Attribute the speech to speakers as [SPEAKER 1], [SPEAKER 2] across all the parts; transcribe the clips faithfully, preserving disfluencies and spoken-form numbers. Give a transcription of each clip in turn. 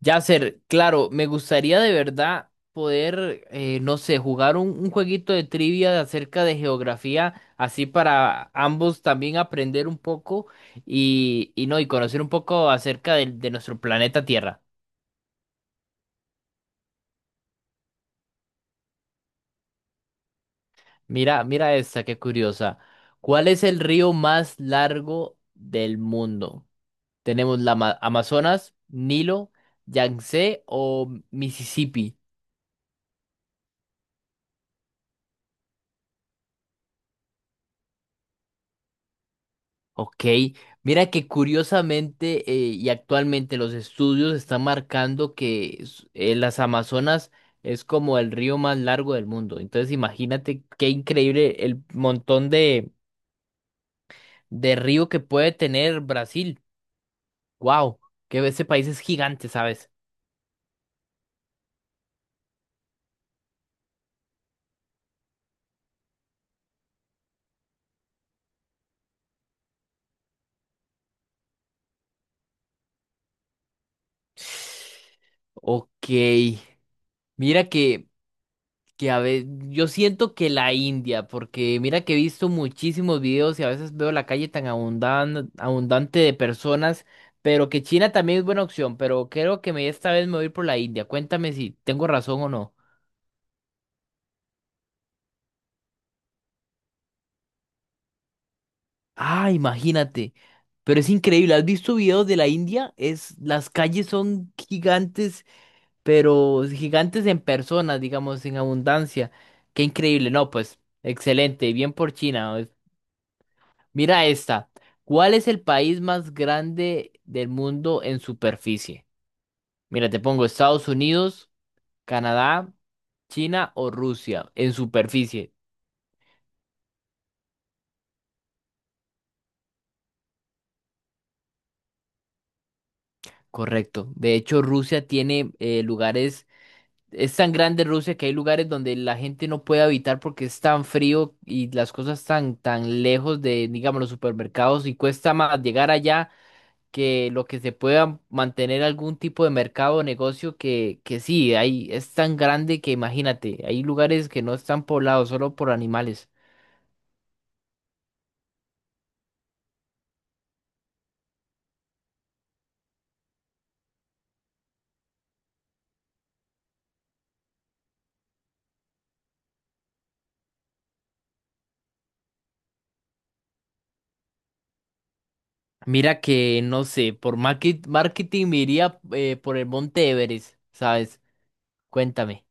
[SPEAKER 1] Yasser, claro, me gustaría de verdad poder, eh, no sé, jugar un, un jueguito de trivia acerca de geografía, así para ambos también aprender un poco y, y no, y conocer un poco acerca del- de, nuestro planeta Tierra. Mira, mira esta, qué curiosa. ¿Cuál es el río más largo del mundo? Tenemos la Ama- Amazonas, Nilo, Yangtze o Mississippi. Ok, mira que curiosamente eh, y actualmente los estudios están marcando que s- eh, las Amazonas es como el río más largo del mundo. Entonces imagínate qué increíble el montón de, de río que puede tener Brasil. Wow, que ese país es gigante, ¿sabes? Ok, mira que que a veces yo siento que la India, porque mira que he visto muchísimos videos y a veces veo la calle tan abundan- abundante de personas, pero que China también es buena opción, pero creo que me esta vez me voy a ir por la India. Cuéntame si tengo razón o no. Ah, imagínate. Pero es increíble, ¿has visto videos de la India? Es, las calles son gigantes, pero gigantes en personas, digamos, en abundancia. Qué increíble, no, pues excelente, bien por China. Mira esta. ¿Cuál es el país más grande del mundo en superficie? Mira, te pongo Estados Unidos, Canadá, China o Rusia en superficie. Correcto. De hecho, Rusia tiene eh, lugares, es tan grande Rusia que hay lugares donde la gente no puede habitar porque es tan frío y las cosas tan, tan lejos de, digamos, los supermercados y cuesta más llegar allá que lo que se pueda mantener algún tipo de mercado o negocio que, que sí, ahí es tan grande que imagínate, hay lugares que no están poblados solo por animales. Mira que, no sé, por market- marketing me iría eh, por el Monte Everest, ¿sabes? Cuéntame.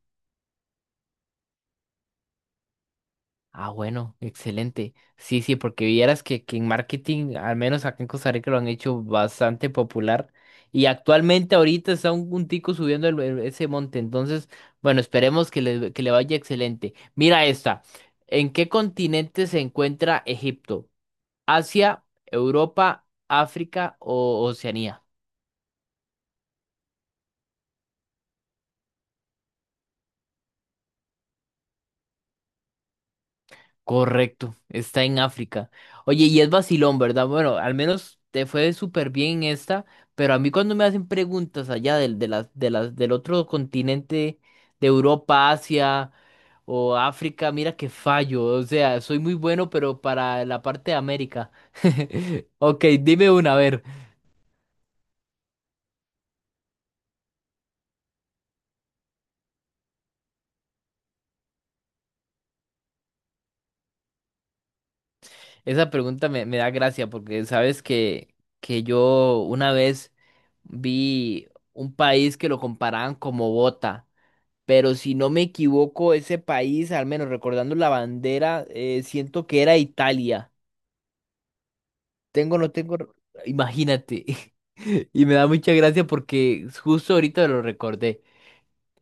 [SPEAKER 1] Ah, bueno, excelente. Sí, sí, porque vieras que, que en marketing, al menos acá en Costa Rica, lo han hecho bastante popular. Y actualmente ahorita está un, un tico subiendo el- el- ese monte. Entonces, bueno, esperemos que le, que le vaya excelente. Mira esta. ¿En qué continente se encuentra Egipto? ¿Asia, Europa, África o Oceanía? Correcto, está en África. Oye, y es vacilón, ¿verdad? Bueno, al menos te fue súper bien en esta, pero a mí cuando me hacen preguntas allá del, de las, de las, del otro continente, de Europa, Asia o África, mira que fallo. O sea, soy muy bueno, pero para la parte de América. Ok, dime una, a ver. Esa pregunta me, me da gracia porque sabes que, que yo una vez vi un país que lo comparaban como bota, pero si no me equivoco, ese país, al menos recordando la bandera, eh, siento que era Italia. Tengo, no tengo, r- imagínate. Y me da mucha gracia porque justo ahorita lo recordé.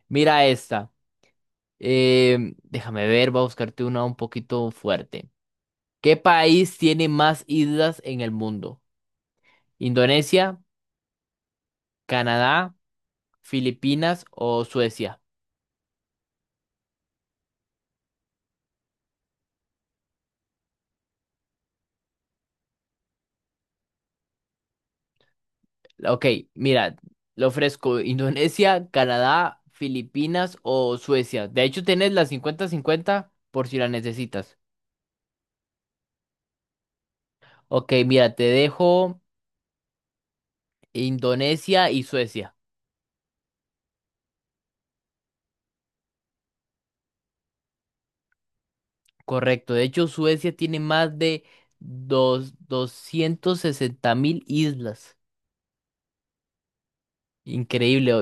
[SPEAKER 1] Mira esta. Em, déjame ver, voy a buscarte una un poquito fuerte. ¿Qué país tiene más islas en el mundo? ¿Indonesia, Canadá, Filipinas o Suecia? Ok, mira, lo ofrezco Indonesia, Canadá, Filipinas o Suecia. De hecho, tienes las cincuenta-cincuenta por si la necesitas. Ok, mira, te dejo Indonesia y Suecia. Correcto. De hecho, Suecia tiene más de dos, doscientas sesenta mil islas. Increíble.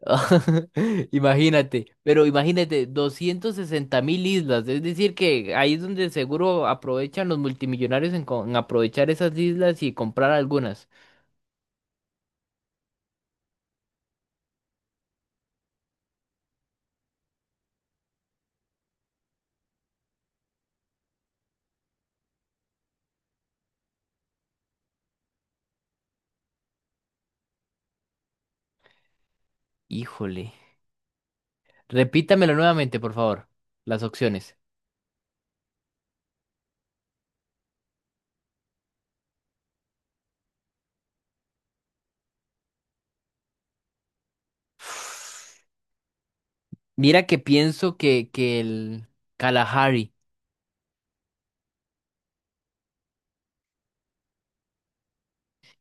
[SPEAKER 1] Imagínate, pero imagínate, doscientas sesenta mil islas, es decir que ahí es donde seguro aprovechan los multimillonarios en, co- en aprovechar esas islas y comprar algunas. Híjole, repítamelo nuevamente, por favor, las opciones. Mira que pienso que, que el Kalahari,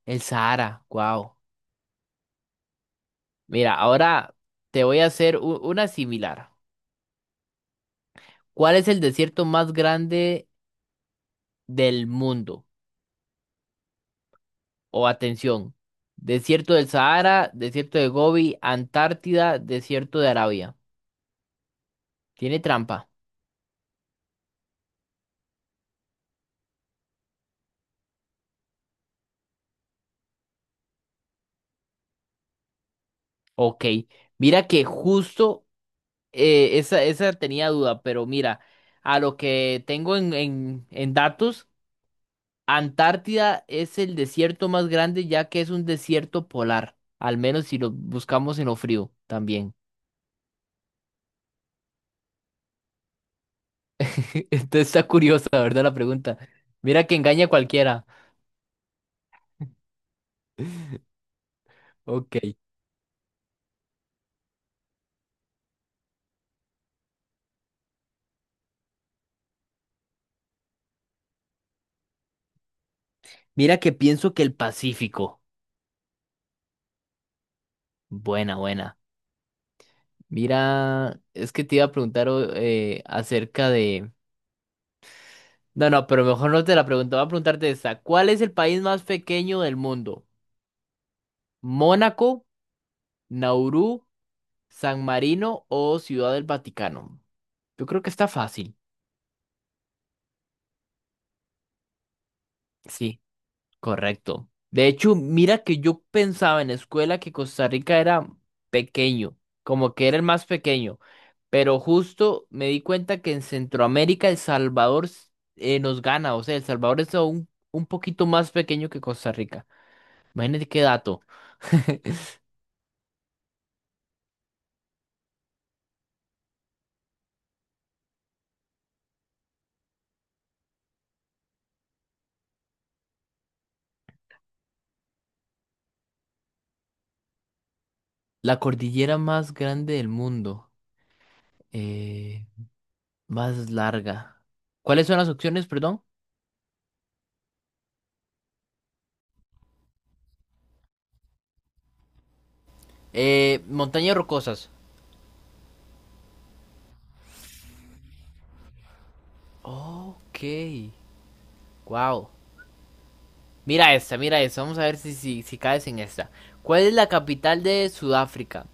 [SPEAKER 1] el Sahara, wow. Mira, ahora te voy a hacer u- una similar. ¿Cuál es el desierto más grande del mundo? O atención, desierto del Sahara, desierto de Gobi, Antártida, desierto de Arabia. ¿Tiene trampa? Ok. Mira que justo eh, esa, esa tenía duda, pero mira, a lo que tengo en, en, en datos, Antártida es el desierto más grande ya que es un desierto polar, al menos si lo buscamos en lo frío también. Entonces está curiosa, ¿verdad? La pregunta. Mira que engaña a cualquiera. Ok. Mira que pienso que el Pacífico. Buena, buena. Mira, es que te iba a preguntar o- eh, acerca de... No, no, pero mejor no te la pregunto, voy a preguntarte esta. ¿Cuál es el país más pequeño del mundo? ¿Mónaco, Nauru, San Marino o Ciudad del Vaticano? Yo creo que está fácil. Sí. Correcto. De hecho, mira que yo pensaba en la escuela que Costa Rica era pequeño, como que era el más pequeño, pero justo me di cuenta que en Centroamérica El Salvador s- eh, nos gana, o sea, El Salvador es aún un poquito más pequeño que Costa Rica. Imagínate qué dato. La cordillera más grande del mundo, eh, más larga. ¿Cuáles son las opciones, perdón? Eh, montañas rocosas. Ok, wow. Mira esta, mira esta. Vamos a ver si, si, si caes en esta. ¿Cuál es la capital de Sudáfrica?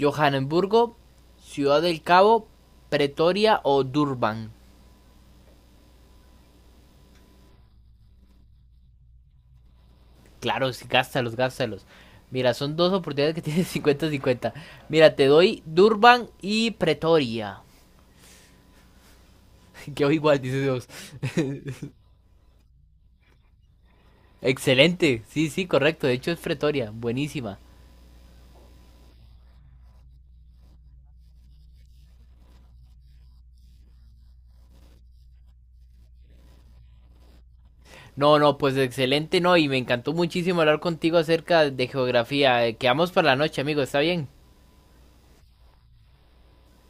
[SPEAKER 1] ¿Johannesburgo, Ciudad del Cabo, Pretoria o Durban? Claro, sí, gástalos, gástalos. Mira, son dos oportunidades que tienes 50 cincuenta. Mira, te doy Durban y Pretoria. Quedó igual, dice Dios. Excelente. Sí, sí, correcto. De hecho es Pretoria. Buenísima. No, no, pues excelente, no. Y me encantó muchísimo hablar contigo acerca de geografía. Eh, Quedamos para la noche, amigo. ¿Está bien?